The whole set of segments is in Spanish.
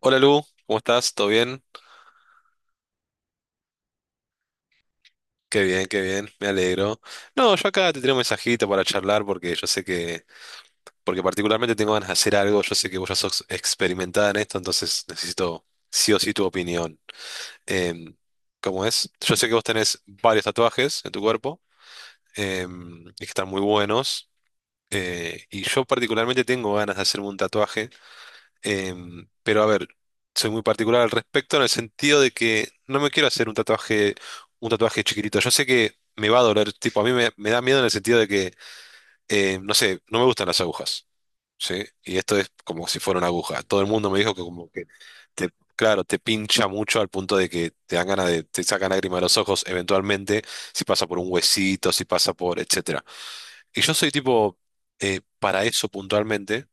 Hola Lu, ¿cómo estás? ¿Todo bien? Qué bien, qué bien, me alegro. No, yo acá te tengo un mensajito para charlar porque yo sé que, porque particularmente tengo ganas de hacer algo, yo sé que vos ya sos experimentada en esto, entonces necesito sí o sí tu opinión. Em, ¿Cómo es? Yo sé que vos tenés varios tatuajes en tu cuerpo, y que están muy buenos, y yo particularmente tengo ganas de hacerme un tatuaje. Pero a ver, soy muy particular al respecto en el sentido de que no me quiero hacer un tatuaje chiquitito. Yo sé que me va a doler, tipo, a me da miedo en el sentido de que, no sé, no me gustan las agujas, ¿sí? Y esto es como si fuera una aguja. Todo el mundo me dijo que como que te, claro, te pincha mucho al punto de que te dan ganas de, te sacan lágrimas de los ojos eventualmente, si pasa por un huesito, si pasa por, etcétera. Y yo soy tipo, para eso puntualmente,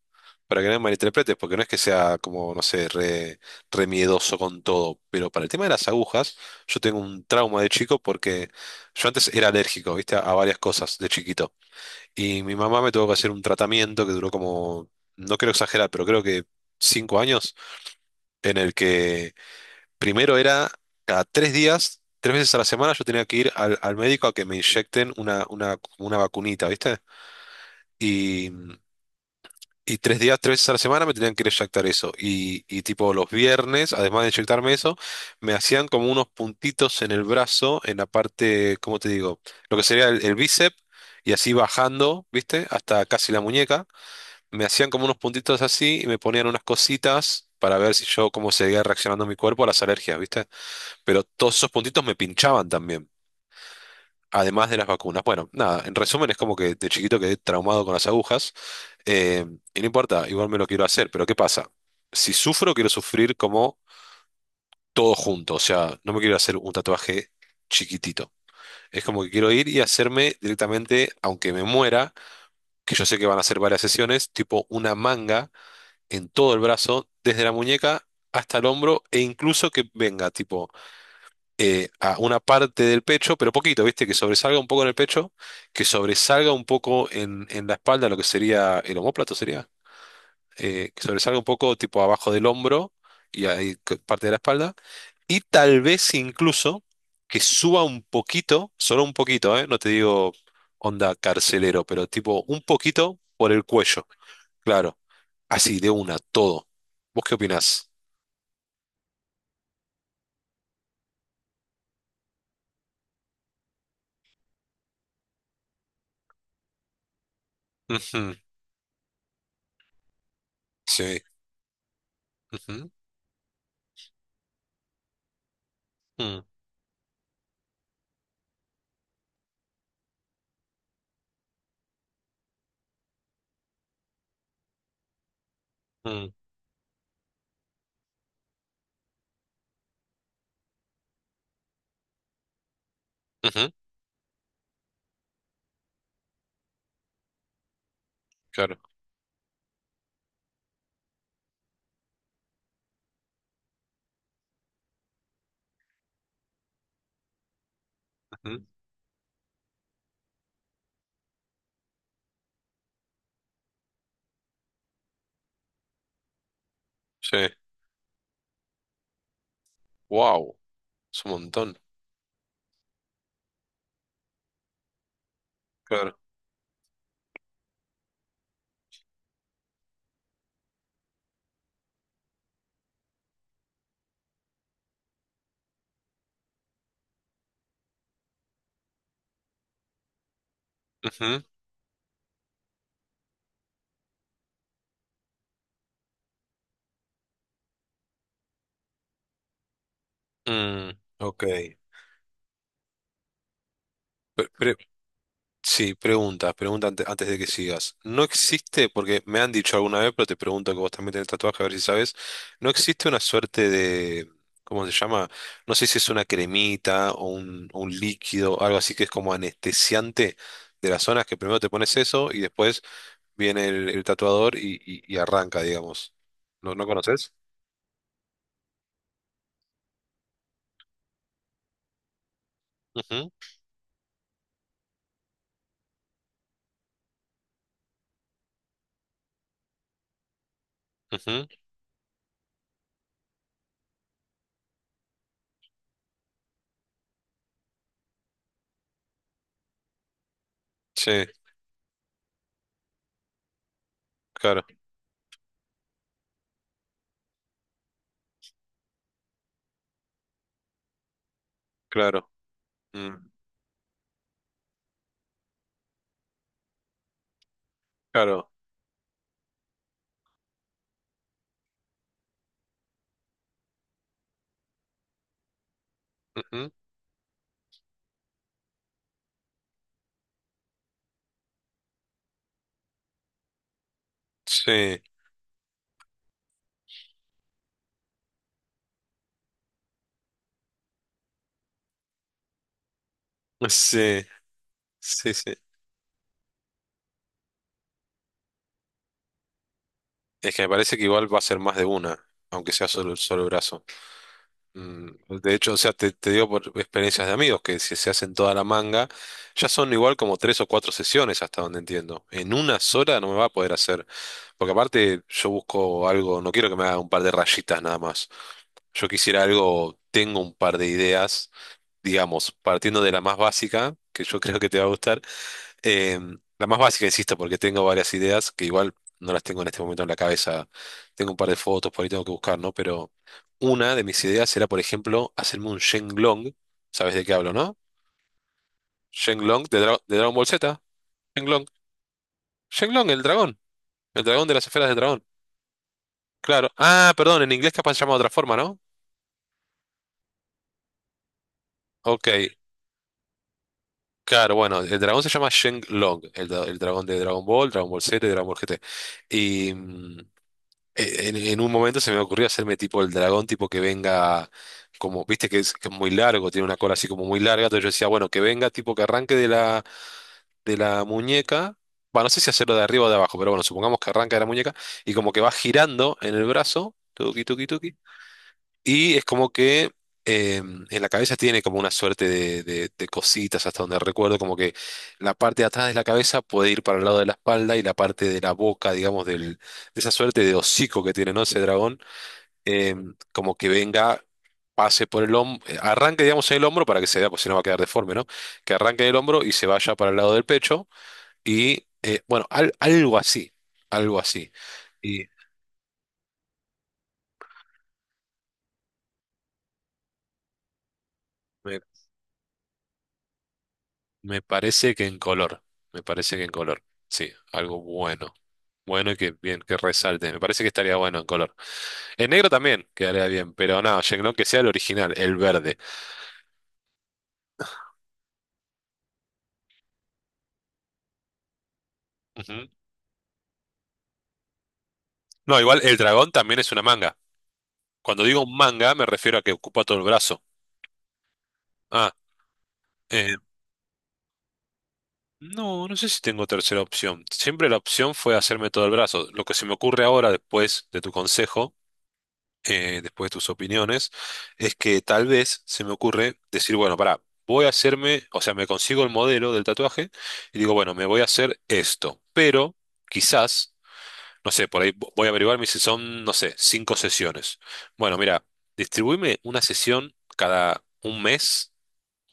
para que no me malinterpretes, porque no es que sea como, no sé, re miedoso con todo, pero para el tema de las agujas, yo tengo un trauma de chico porque yo antes era alérgico, viste, a varias cosas de chiquito. Y mi mamá me tuvo que hacer un tratamiento que duró como, no quiero exagerar, pero creo que cinco años, en el que primero era cada tres días, tres veces a la semana, yo tenía que ir al, al médico a que me inyecten una vacunita, viste. Y tres días, tres veces a la semana me tenían que ir a inyectar eso. Y tipo los viernes, además de inyectarme eso, me hacían como unos puntitos en el brazo, en la parte, ¿cómo te digo? Lo que sería el bíceps, y así bajando, ¿viste? Hasta casi la muñeca. Me hacían como unos puntitos así y me ponían unas cositas para ver si yo cómo seguía reaccionando mi cuerpo a las alergias, ¿viste? Pero todos esos puntitos me pinchaban también, además de las vacunas. Bueno, nada, en resumen es como que de chiquito quedé traumado con las agujas. Eh, y no importa, igual me lo quiero hacer, pero ¿qué pasa? Si sufro, quiero sufrir como todo junto, o sea, no me quiero hacer un tatuaje chiquitito. Es como que quiero ir y hacerme directamente, aunque me muera, que yo sé que van a ser varias sesiones, tipo una manga en todo el brazo, desde la muñeca hasta el hombro, e incluso que venga, tipo, a una parte del pecho, pero poquito, ¿viste? Que sobresalga un poco en el pecho, que sobresalga un poco en la espalda, lo que sería el omóplato, ¿sería? Que sobresalga un poco tipo abajo del hombro y ahí parte de la espalda. Y tal vez incluso que suba un poquito, solo un poquito, ¿eh? No te digo onda carcelero, pero tipo un poquito por el cuello, claro. Así, de una, todo. ¿Vos qué opinás? Ujú. Sí. Ujú. mm, mm, Ujú. Claro. Ujú. Sí. Wow. Es un montón. Claro. Ujú. mm, ok. Pre- pre- Sí, pregunta, antes de que sigas. No existe, porque me han dicho alguna vez, pero te pregunto que vos también tenés tatuaje, a ver si sabes. No existe una suerte de, ¿cómo se llama? No sé si es una cremita o un líquido, algo así que es como anestesiante de las zonas, que primero te pones eso y después viene el tatuador y, y arranca, digamos. ¿No, no conoces? Ujú. Ujú. Sí, claro, claro. mm, claro. Ujú. Sí, sí, sí, sí. Es que me parece que igual va a ser más de una, aunque sea solo el solo brazo. Mm. De hecho, o sea, te digo por experiencias de amigos que si se hacen toda la manga, ya son igual como tres o cuatro sesiones hasta donde entiendo. En una sola no me va a poder hacer, porque aparte yo busco algo, no quiero que me haga un par de rayitas nada más. Yo quisiera algo, tengo un par de ideas, digamos, partiendo de la más básica, que yo creo que te va a gustar. La más básica, insisto, porque tengo varias ideas que igual no las tengo en este momento en la cabeza. Tengo un par de fotos, por ahí tengo que buscar, ¿no? Pero una de mis ideas era, por ejemplo, hacerme un Shenlong. ¿Sabes de qué hablo, no? Shenlong de, de Dragon Ball Z. Shenlong. Shenlong, el dragón. El dragón de las esferas del dragón. Claro. Ah, perdón, en inglés capaz se llama de otra forma, ¿no? Ok. Claro, bueno, el dragón se llama Shenlong, el, el dragón de Dragon Ball, Dragon Ball Z y Dragon Ball GT. En un momento se me ocurrió hacerme tipo el dragón, tipo que venga, como, viste que es muy largo, tiene una cola así como muy larga, entonces yo decía, bueno, que venga, tipo que arranque de la muñeca, bueno, no sé si hacerlo de arriba o de abajo, pero bueno, supongamos que arranca de la muñeca y como que va girando en el brazo, tuki, tuki, tuki, y es como que en la cabeza tiene como una suerte de, de cositas, hasta donde recuerdo, como que la parte de atrás de la cabeza puede ir para el lado de la espalda y la parte de la boca, digamos, del, de esa suerte de hocico que tiene, ¿no? Ese dragón, eh, como que venga, pase por el hombro, arranque, digamos, en el hombro para que se vea, pues si no va a quedar deforme, ¿no? Que arranque en el hombro y se vaya para el lado del pecho y, bueno, algo así, algo así. Y me parece que en color, me parece que en color, sí, algo bueno, bueno y que bien, que resalte, me parece que estaría bueno en color. En negro también quedaría bien, pero no, Shenlong que sea el original, el verde. Ujú. No, igual el dragón también es una manga. Cuando digo un manga me refiero a que ocupa todo el brazo. Ah, eh, no, no sé si tengo tercera opción. Siempre la opción fue hacerme todo el brazo. Lo que se me ocurre ahora, después de tu consejo, después de tus opiniones, es que tal vez se me ocurre decir, bueno, pará, voy a hacerme, o sea, me consigo el modelo del tatuaje y digo, bueno, me voy a hacer esto, pero quizás, no sé, por ahí voy a averiguar, me dice, son, no sé, cinco sesiones. Bueno, mira, distribuíme una sesión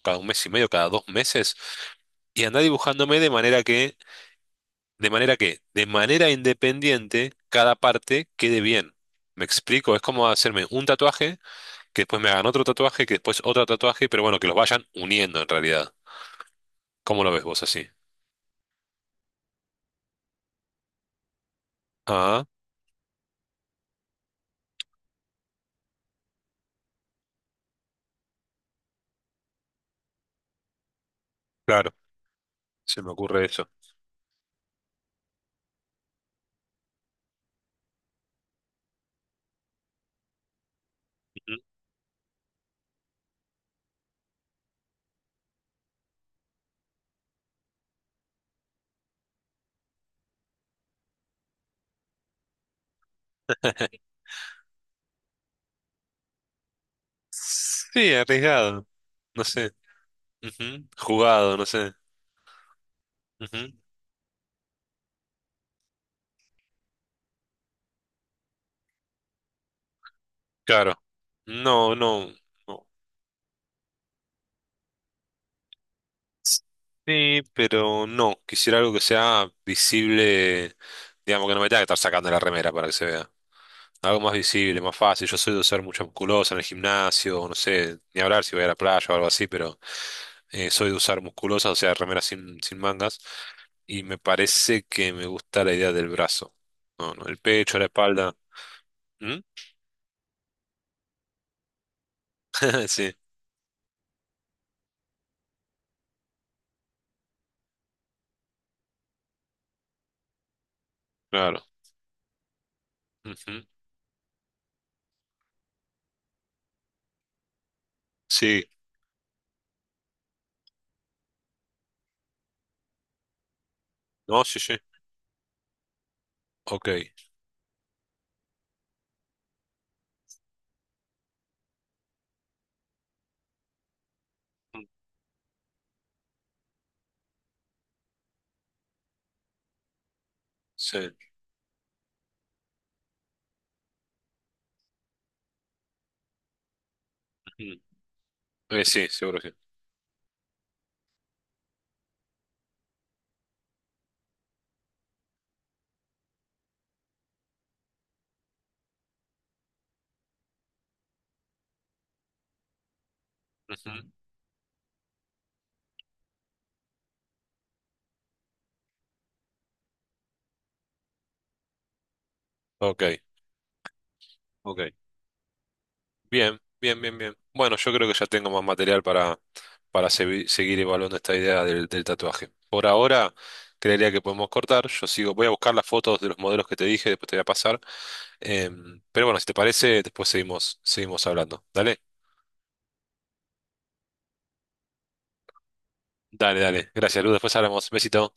cada un mes y medio, cada dos meses, y andá dibujándome de manera que, de manera que, de manera independiente, cada parte quede bien. Me explico, es como hacerme un tatuaje que después me hagan otro tatuaje, que después otro tatuaje, pero bueno, que los vayan uniendo en realidad. ¿Cómo lo ves vos así? Ah, claro, se me ocurre eso. Ujú. Sí, arriesgado, no sé. Ujú. Jugado, no sé. Ujú. Claro. No, no, no. Sí, pero no. Quisiera algo que sea visible, digamos que no me tenga que estar sacando la remera para que se vea. Algo más visible, más fácil. Yo soy de usar mucha musculosa en el gimnasio, no sé, ni hablar si voy a la playa o algo así, pero soy de usar musculosas o sea, remeras sin, sin mangas. Y me parece que me gusta la idea del brazo. No, no, el pecho, la espalda. ¿Mm? Sí, claro. Ujú. Sí, no, sí, sí. Ok. Sí. Ujú. Sí, seguro que sí. Ujú. Ok, ok. Bien, bien, bien, bien. Bueno, yo creo que ya tengo más material para, seguir evaluando esta idea del, del tatuaje. Por ahora, creería que podemos cortar. Yo sigo, voy a buscar las fotos de los modelos que te dije, después te voy a pasar. Pero bueno, si te parece, después seguimos, seguimos hablando. Dale, dale, dale. Gracias, Luz. Después hablamos. Besito.